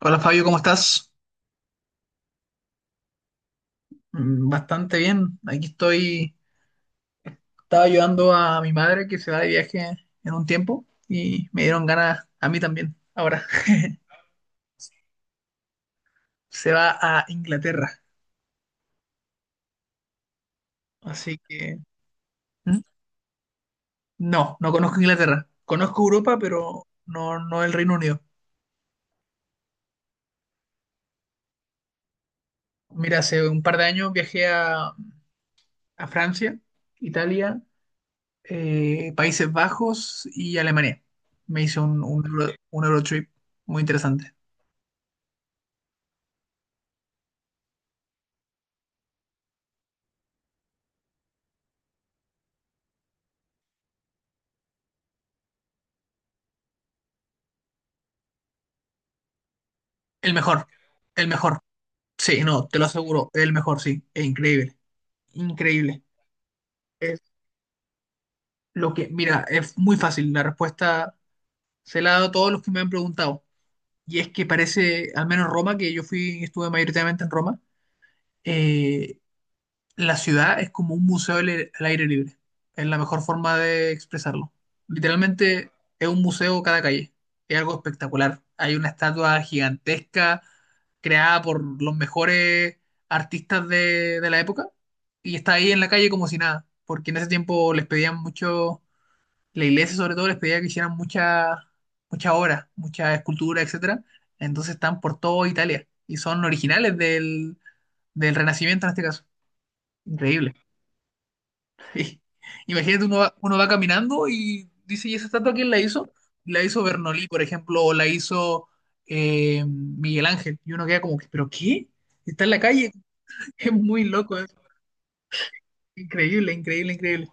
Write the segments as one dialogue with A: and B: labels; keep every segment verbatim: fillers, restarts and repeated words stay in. A: Hola Fabio, ¿cómo estás? Mm, bastante bien. Aquí estoy. Estaba ayudando a mi madre que se va de viaje en un tiempo y me dieron ganas a mí también. Ahora se va a Inglaterra. Así que... ¿Mm? No, no conozco Inglaterra. Conozco Europa, pero no, no el Reino Unido. Mira, hace un par de años viajé a, a Francia, Italia, eh, Países Bajos y Alemania. Me hice un, un, euro- un Eurotrip muy interesante. El mejor, el mejor. Sí, no, te lo aseguro, el mejor, sí, es increíble, increíble. Es lo que, mira, es muy fácil, la respuesta se la he dado a todos los que me han preguntado. Y es que parece, al menos Roma, que yo fui, estuve mayoritariamente en Roma, eh, la ciudad es como un museo al aire al aire libre. Es la mejor forma de expresarlo. Literalmente es un museo cada calle. Es algo espectacular. Hay una estatua gigantesca creada por los mejores artistas de, de la época y está ahí en la calle como si nada. Porque en ese tiempo les pedían mucho, la iglesia sobre todo les pedía que hicieran muchas muchas obras, muchas esculturas, etcétera. Entonces están por toda Italia y son originales del, del Renacimiento en este caso. Increíble. Sí. Imagínate, uno va, uno va caminando y dice, ¿y esa estatua quién la hizo? La hizo Bernolí, por ejemplo, o la hizo eh, Miguel Ángel. Y uno queda como, que, ¿pero qué? Está en la calle. Es muy loco eso. Increíble, increíble, increíble.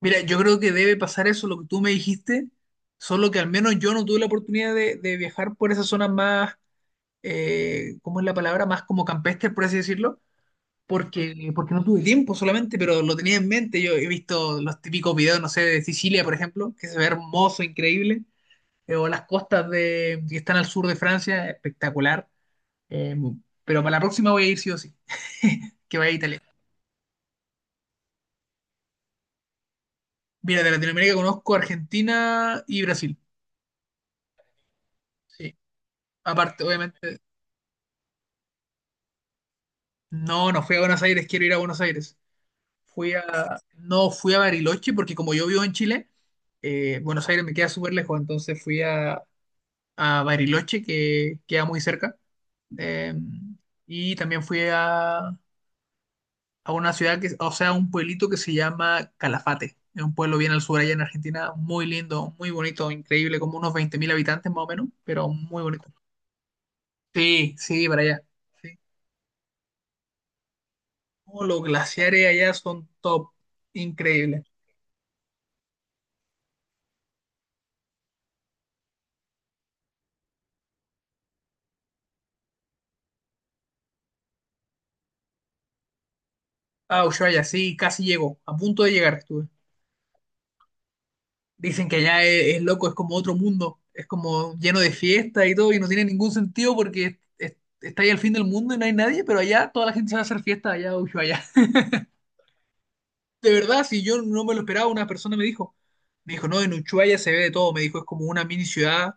A: Mira, yo creo que debe pasar eso, lo que tú me dijiste, solo que al menos yo no tuve la oportunidad de, de viajar por esas zonas más, eh, ¿cómo es la palabra? Más como campestre, por así decirlo porque, porque no tuve tiempo solamente, pero lo tenía en mente. Yo he visto los típicos videos, no sé, de Sicilia, por ejemplo, que se ve hermoso, increíble, eh, o las costas de, que están al sur de Francia, espectacular. Eh, pero para la próxima voy a ir sí o sí, que vaya a Italia. Mira, de Latinoamérica conozco Argentina y Brasil. Sí. Aparte, obviamente, no, no fui a Buenos Aires, quiero ir a Buenos Aires. Fui a, no, fui a Bariloche porque como yo vivo en Chile, eh, Buenos Aires me queda súper lejos, entonces fui a, a Bariloche, que queda muy cerca. Eh, y también fui a, a una ciudad que, o sea, un pueblito que se llama Calafate. Es un pueblo bien al sur allá en Argentina, muy lindo, muy bonito, increíble, como unos veinte mil habitantes más o menos, pero muy bonito. Sí, sí, para allá. Sí. Oh, los glaciares allá son top, increíble. Ah, Ushuaia, sí, casi llego, a punto de llegar estuve. Dicen que allá es, es loco, es como otro mundo, es como lleno de fiestas y todo, y no tiene ningún sentido porque es- es- está ahí al fin del mundo y no hay nadie, pero allá toda la gente sabe hacer fiesta, allá, Ushuaia. Allá. De verdad, si yo no me lo esperaba, una persona me dijo, me dijo, no, en Ushuaia se ve de todo, me dijo, es como una mini ciudad,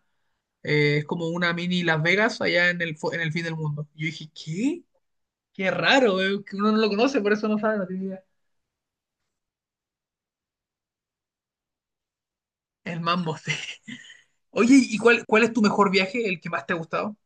A: eh, es como una mini Las Vegas allá en el, fu- en el fin del mundo. Y yo dije, ¿qué? Qué raro, eh, que uno no lo conoce, por eso no sabe, no tiene idea. El mambo, sí. Oye, ¿y cuál, cuál es tu mejor viaje, el que más te ha gustado?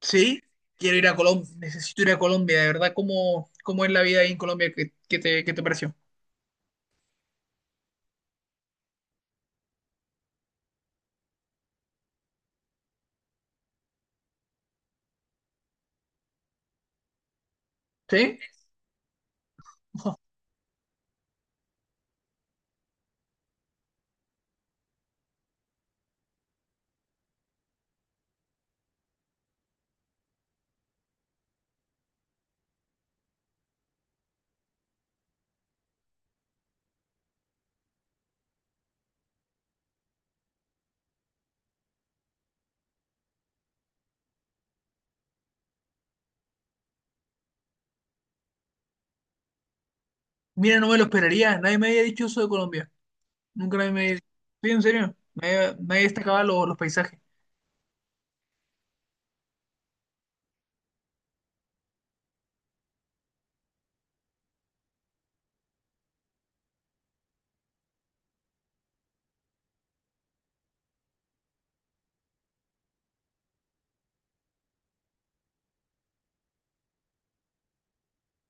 A: Sí, quiero ir a Colombia, necesito ir a Colombia, de verdad, ¿cómo, cómo es la vida ahí en Colombia? ¿Qué, qué te, qué te pareció? ¿Sí? Ujú. Mira, no me lo esperaría, nadie me había dicho eso de Colombia, nunca nadie me había dicho, sí, en serio, nadie, nadie destacaba lo- los paisajes.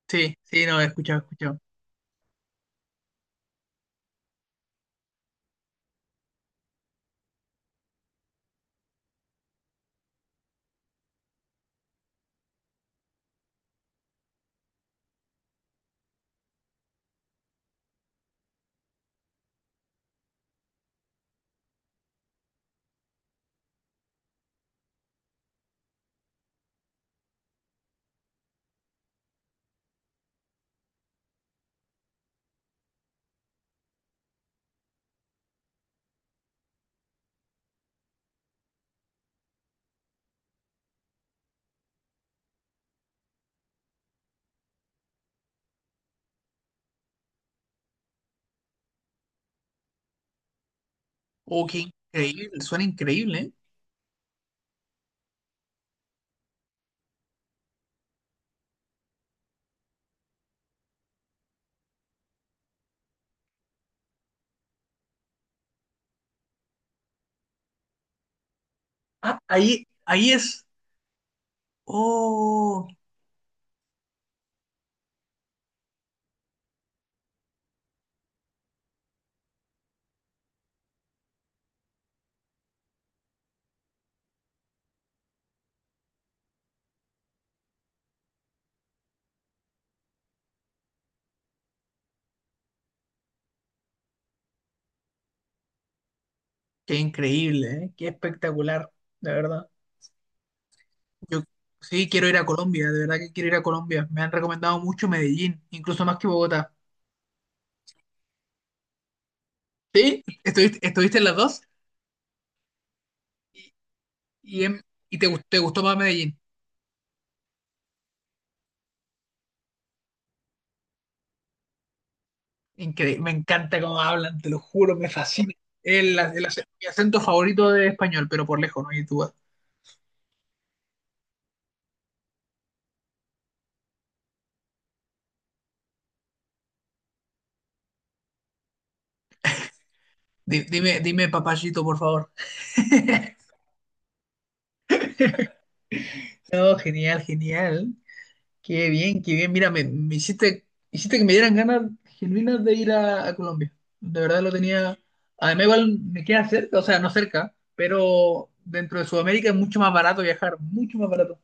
A: Sí, sí, no, he escuchado, he escuchado. Oh, qué increíble, suena increíble, ¿eh? Ah, ahí, ahí es. Oh, qué increíble, ¿eh? Qué espectacular, de verdad. Yo sí quiero ir a Colombia, de verdad que quiero ir a Colombia. Me han recomendado mucho Medellín, incluso más que Bogotá. Sí, estuviste, estuviste en las dos y, y, em- y te, gust- te gustó más Medellín. Increíble, me encanta cómo hablan, te lo juro, me fascina. El, el ac- mi acento favorito de español, pero por lejos, no hay duda. Di- Dime, dime papayito, por favor. No, genial, genial. Qué bien, qué bien. Mira, me, me hiciste, hiciste que me dieran ganas genuinas de ir a, a Colombia. De verdad lo tenía. Además, igual me queda cerca, o sea, no cerca, pero dentro de Sudamérica es mucho más barato viajar, mucho más barato.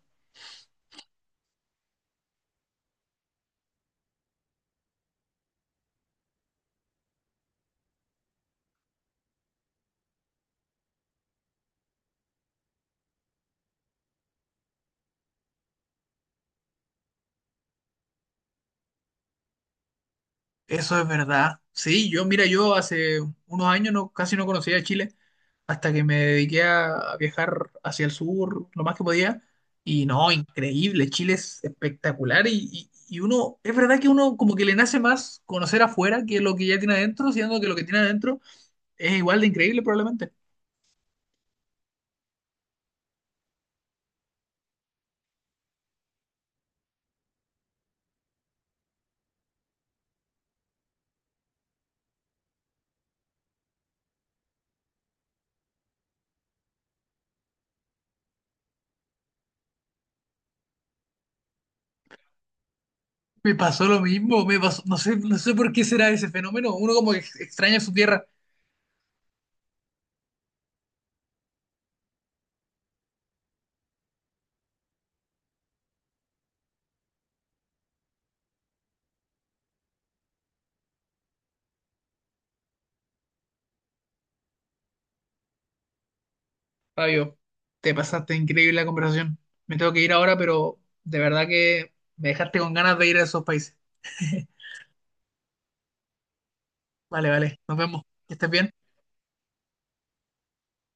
A: Eso es verdad. Sí, yo, mira, yo hace unos años no, casi no conocía Chile hasta que me dediqué a, a viajar hacia el sur lo más que podía. Y no, increíble, Chile es espectacular y, y, y uno, es verdad que uno como que le nace más conocer afuera que lo que ya tiene adentro, siendo que lo que tiene adentro es igual de increíble probablemente. Me pasó lo mismo, me pasó, no sé, no sé por qué será ese fenómeno, uno como que ex- extraña su tierra. Fabio, te pasaste increíble la conversación. Me tengo que ir ahora, pero de verdad que me dejaste con ganas de ir a esos países. Vale, vale, nos vemos. Que estés bien.